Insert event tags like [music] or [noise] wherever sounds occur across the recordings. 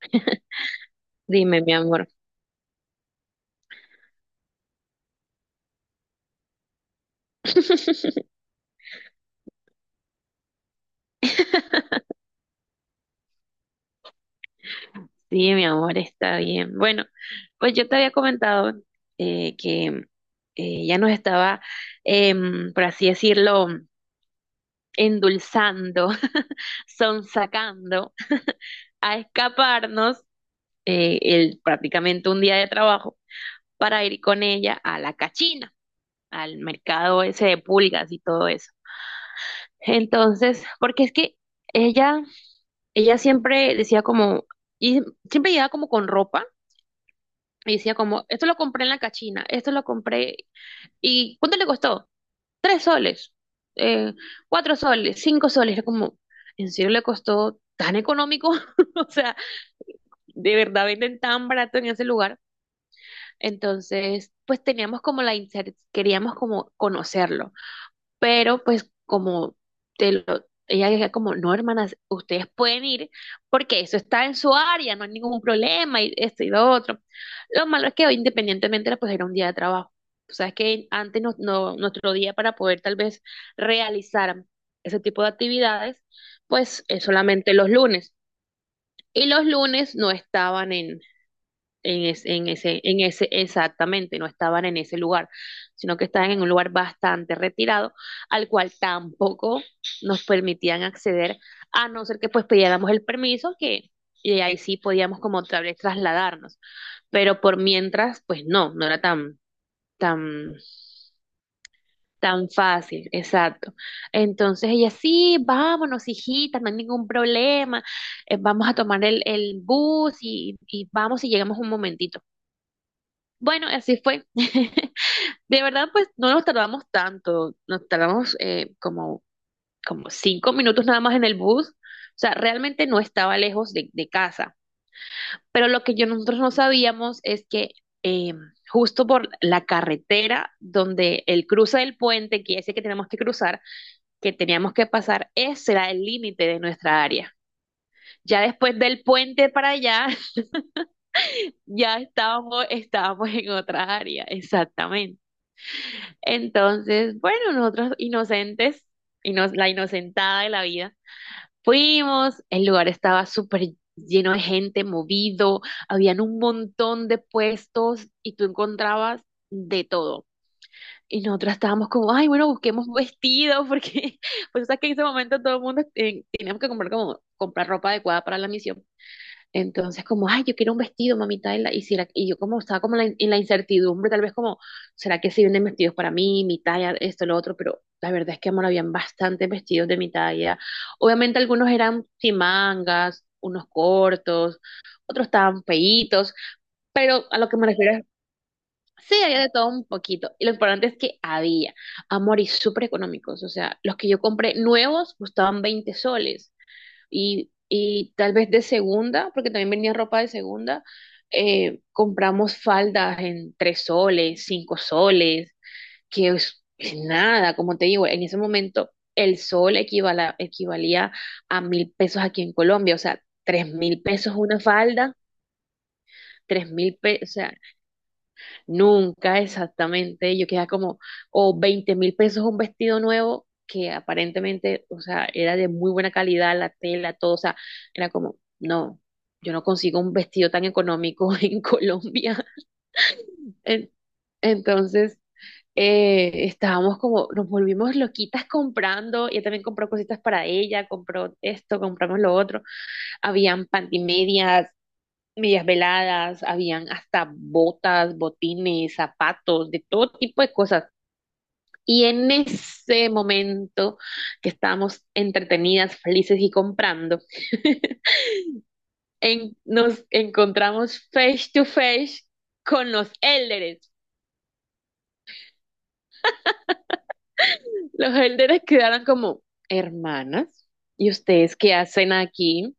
[laughs] Dime, mi amor. [laughs] Sí, mi amor, está bien. Bueno, pues yo te había comentado que ya nos estaba, por así decirlo, endulzando, [laughs] sonsacando a escaparnos el, prácticamente un día de trabajo para ir con ella a la cachina, al mercado ese de pulgas y todo eso. Entonces, porque es que ella ella siempre decía como, y siempre llegaba como con ropa y decía como, esto lo compré en la cachina, esto lo compré, ¿y cuánto le costó? 3 soles, eh, 4 soles, 5 soles, era como, ¿en serio le costó tan económico? [laughs] O sea, de verdad venden tan barato en ese lugar. Entonces, pues teníamos como queríamos como conocerlo. Pero pues como te lo, ella decía como, no, hermanas, ustedes pueden ir porque eso está en su área, no hay ningún problema y esto y lo otro. Lo malo es que hoy independientemente era, pues era un día de trabajo. O sea, es que antes nuestro día para poder tal vez realizar ese tipo de actividades, pues es solamente los lunes. Y los lunes no estaban exactamente, no estaban en ese lugar, sino que estaban en un lugar bastante retirado, al cual tampoco nos permitían acceder, a no ser que pues pidiéramos el permiso, que y ahí sí podíamos como otra vez trasladarnos, pero por mientras, no era tan, tan, tan fácil, exacto. Entonces ella, sí, vámonos, hijita, no hay ningún problema, vamos a tomar el bus y vamos y llegamos un momentito. Bueno, así fue. [laughs] De verdad, pues no nos tardamos tanto, nos tardamos como 5 minutos nada más en el bus, o sea, realmente no estaba lejos de casa, pero lo que yo, nosotros no sabíamos es que eh, justo por la carretera donde el cruce del puente, que ese que tenemos que cruzar, que teníamos que pasar, ese era el límite de nuestra área. Ya después del puente para allá, [laughs] ya estábamos en otra área, exactamente. Entonces, bueno, nosotros inocentes, la inocentada de la vida, fuimos, el lugar estaba súper lleno de gente, movido, habían un montón de puestos y tú encontrabas de todo. Y nosotros estábamos como, ay, bueno, busquemos vestidos, porque [laughs] pues sabes que en ese momento todo el mundo teníamos que comprar como comprar ropa adecuada para la misión. Entonces, como, ay, yo quiero un vestido, mamita, y, la- y si la- y yo como estaba como en en la incertidumbre, tal vez como, ¿será que sí venden vestidos para mí, mi talla, esto, lo otro? Pero la verdad es que, amor, habían bastantes vestidos de mi talla. Obviamente algunos eran sin mangas, unos cortos, otros estaban feitos, pero a lo que me refiero es, sí, había de todo un poquito. Y lo importante es que había, amor, y súper económicos. O sea, los que yo compré nuevos costaban 20 soles y tal vez de segunda, porque también venía ropa de segunda, compramos faldas en 3 soles, 5 soles, que es nada, como te digo, en ese momento el sol equivalía a 1.000 pesos aquí en Colombia, o sea, 3.000 pesos una falda, 3.000 pesos, nunca exactamente. Yo quedaba como, o 20.000 pesos un vestido nuevo que aparentemente, o sea, era de muy buena calidad, la tela, todo, o sea, era como, no, yo no consigo un vestido tan económico [laughs] en Colombia. En- Entonces, estábamos como, nos volvimos loquitas comprando, ella también compró cositas para ella, compró esto, compramos lo otro, habían pantimedias, medias veladas, habían hasta botas, botines, zapatos, de todo tipo de cosas. Y en ese momento que estábamos entretenidas, felices y comprando, nos encontramos face to face con los élderes. Los élderes quedaron como, hermanas, ¿y ustedes qué hacen aquí?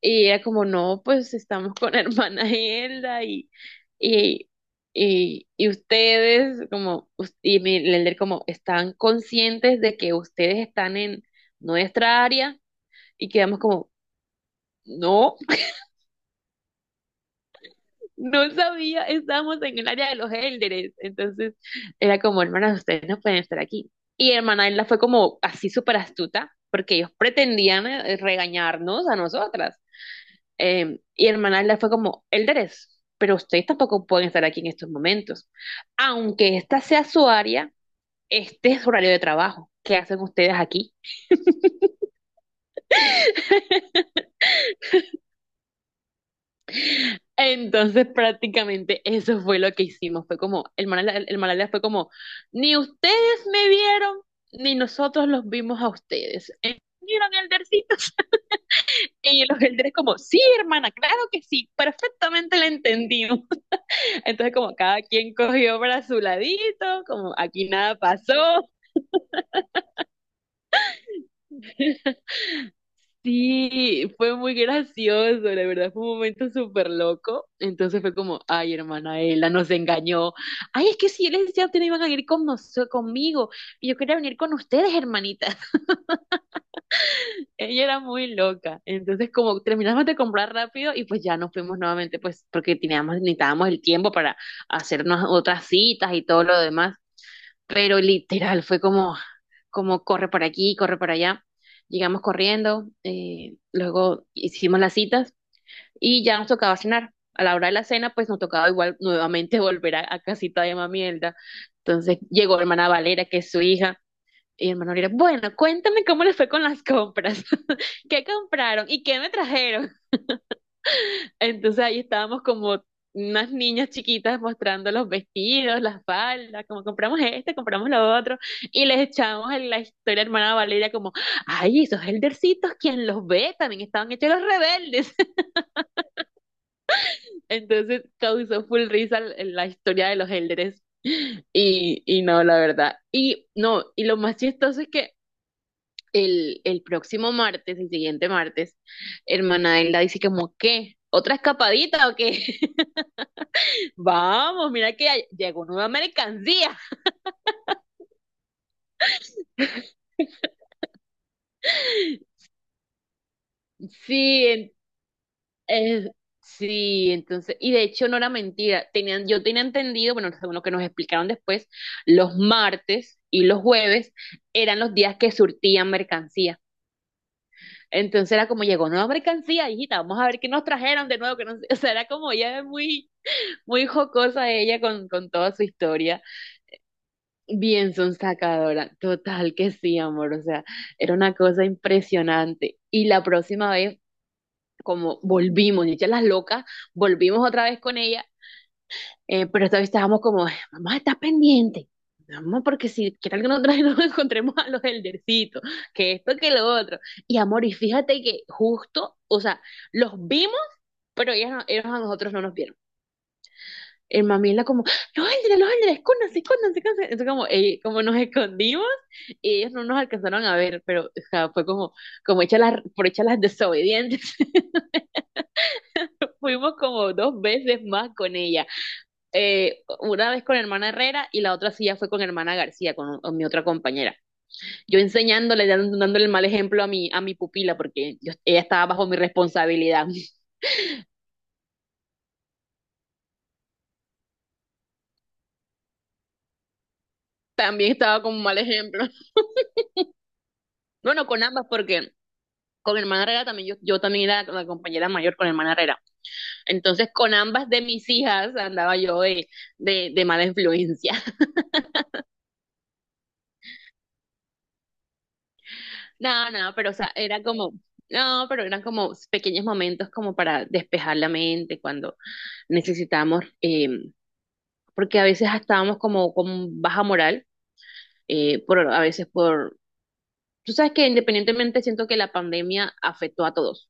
Y era como, no, pues estamos con [laughs] hermana Hilda y, y ustedes, como, y mi Lender, como, están conscientes de que ustedes están en nuestra área y quedamos como, no, [laughs] no sabía, estamos en el área de los Elders. Entonces era como, hermanas, ustedes no pueden estar aquí. Y hermana Hilda fue como así súper astuta, porque ellos pretendían regañarnos a nosotras. Y hermana Alda fue como, Elderes, pero ustedes tampoco pueden estar aquí en estos momentos. Aunque esta sea su área, este es su horario de trabajo. ¿Qué hacen ustedes aquí? Entonces prácticamente eso fue lo que hicimos. Fue como, el Manala fue como, ni ustedes me vieron, ni nosotros los vimos a ustedes. ¿Vieron Eldercito? Y los Elderes como, sí, hermana, claro que sí, perfectamente la entendimos. Entonces como cada quien cogió para su ladito, como aquí nada pasó. Sí, fue muy gracioso, la verdad fue un momento súper loco. Entonces fue como, ay, hermana Ella nos engañó. Ay, es que si yo les decía ustedes iban a venir con conmigo, y yo quería venir con ustedes, hermanitas. [laughs] Ella era muy loca. Entonces, como terminamos de comprar rápido y pues ya nos fuimos nuevamente, pues porque teníamos, necesitábamos el tiempo para hacernos otras citas y todo lo demás. Pero literal fue como, como corre por aquí, corre por allá. Llegamos corriendo, luego hicimos las citas y ya nos tocaba cenar. A la hora de la cena, pues nos tocaba igual nuevamente [laughs] volver a casita de Mamierda. Entonces llegó hermana Valera, que es su hija, y hermana Valera, bueno, cuéntame cómo les fue con las compras, [laughs] qué compraron y qué me trajeron. Entonces ahí estábamos como unas niñas chiquitas mostrando los vestidos, las faldas, como compramos este, compramos lo otro, y les echamos en la historia hermana Valeria como, ay, esos eldercitos, quien los ve, también estaban hechos los rebeldes. [laughs] Entonces causó full risa la historia de los elders. Y no, la verdad. Y no, y lo más chistoso es que el próximo martes, el siguiente martes, hermana Elda dice como, ¿qué? ¿Otra escapadita o qué? [laughs] Vamos, mira que ya llegó nueva mercancía. Sí, eh, sí, entonces, y de hecho no era mentira. Tenían, yo tenía entendido, bueno, según lo que nos explicaron después, los martes y los jueves eran los días que surtían mercancía. Entonces era como llegó nueva mercancía, hijita, vamos a ver qué nos trajeron de nuevo, que no sé, [laughs] o sea, era como ella muy, muy jocosa ella con toda su historia. Bien sonsacadora, total que sí, amor, o sea, era una cosa impresionante. Y la próxima vez, como volvimos, dichas las locas, volvimos otra vez con ella, pero esta vez estábamos como, mamá, está pendiente, mamá, porque si qué tal que nosotros nos [laughs] encontremos a los eldercitos, que esto, que lo otro. Y amor, y fíjate que justo, o sea, los vimos, pero ellas, no- ellos a nosotros no nos vieron, el mamila como, los ángeles, escóndanse, escóndanse, escóndanse. Entonces como, como nos escondimos y ellos no nos alcanzaron a ver, pero o sea, fue como, como por hecha las desobedientes. [laughs] Fuimos como 2 veces más con ella. Una vez con hermana Herrera y la otra sí ya fue con hermana García, con mi otra compañera. Yo enseñándole, dándole el mal ejemplo a mi pupila porque ella estaba bajo mi responsabilidad. [laughs] También estaba como un mal ejemplo. Bueno, con ambas porque... Con hermana Herrera también, yo también era la compañera mayor con hermana Herrera. Entonces, con ambas de mis hijas andaba yo de mala influencia. [laughs] No, no, pero o sea, era como, no, pero eran como pequeños momentos como para despejar la mente cuando necesitamos, porque a veces estábamos como con baja moral, por, a veces por, tú sabes que independientemente siento que la pandemia afectó a todos.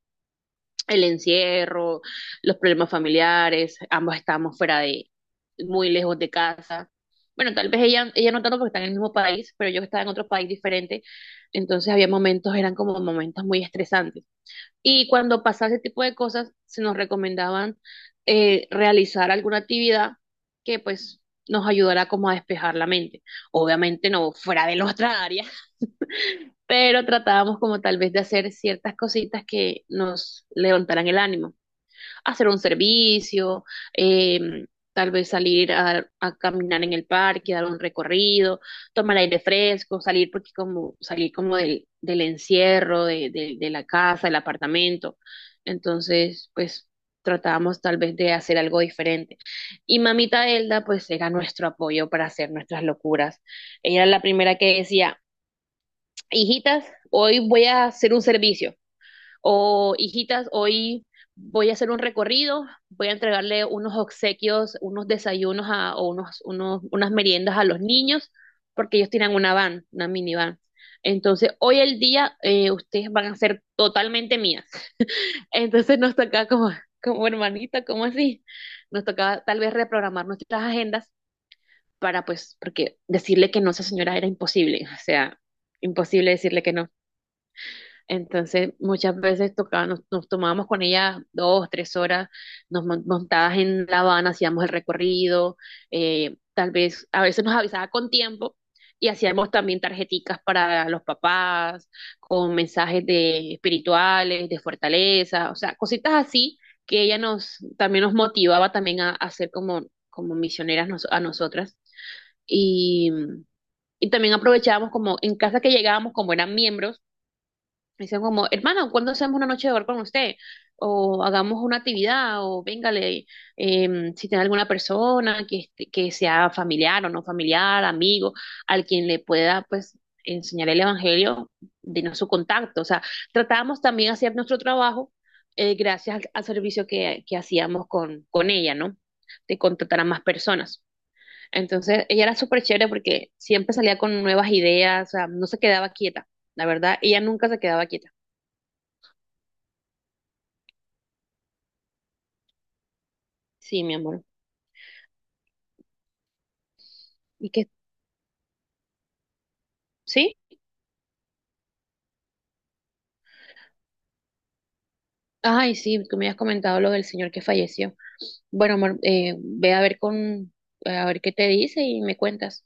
El encierro, los problemas familiares, ambos estábamos fuera de, muy lejos de casa. Bueno, tal vez ella, ella no tanto porque está en el mismo país, pero yo que estaba en otro país diferente, entonces había momentos, eran como momentos muy estresantes. Y cuando pasaba ese tipo de cosas, se nos recomendaban realizar alguna actividad que pues nos ayudara como a despejar la mente. Obviamente no fuera de nuestra área, [laughs] pero tratábamos como tal vez de hacer ciertas cositas que nos levantaran el ánimo, hacer un servicio, eh, tal vez salir a caminar en el parque, dar un recorrido, tomar aire fresco, salir porque como salir como del encierro, de la casa, del apartamento. Entonces, pues tratábamos tal vez de hacer algo diferente. Y mamita Elda, pues era nuestro apoyo para hacer nuestras locuras. Ella era la primera que decía, hijitas, hoy voy a hacer un servicio. O hijitas, hoy voy a hacer un recorrido, voy a entregarle unos obsequios, unos desayunos a, o unas meriendas a los niños, porque ellos tienen una van, una minivan. Entonces, hoy el día ustedes van a ser totalmente mías. [laughs] Entonces nos toca como, como hermanita, como así, nos tocaba tal vez reprogramar nuestras agendas para pues, porque decirle que no a esa señora era imposible, o sea, imposible decirle que no. Entonces, muchas veces tocaba, nos tomábamos con ella 2, 3 horas, nos montabas en La Habana, hacíamos el recorrido, tal vez a veces nos avisaba con tiempo y hacíamos también tarjeticas para los papás, con mensajes de espirituales, de fortaleza, o sea, cositas así que ella nos también nos motivaba también a ser como, como misioneras a nosotras. Y, y también aprovechábamos como en casa que llegábamos, como eran miembros, dicen como, hermano, ¿cuándo hacemos una noche de bar con usted? O hagamos una actividad, o véngale, si tiene alguna persona que, que sea familiar o no familiar, amigo, al quien le pueda, pues, enseñar el evangelio, denos su contacto. O sea, tratábamos también de hacer nuestro trabajo gracias al servicio que hacíamos con ella, ¿no? De contratar a más personas. Entonces, ella era súper chévere porque siempre salía con nuevas ideas, o sea, no se quedaba quieta. La verdad, ella nunca se quedaba quieta. Sí, mi amor. ¿Y qué? ¿Sí? Ay, sí, tú me has comentado lo del señor que falleció. Bueno, amor, ve a ver con, a ver qué te dice y me cuentas.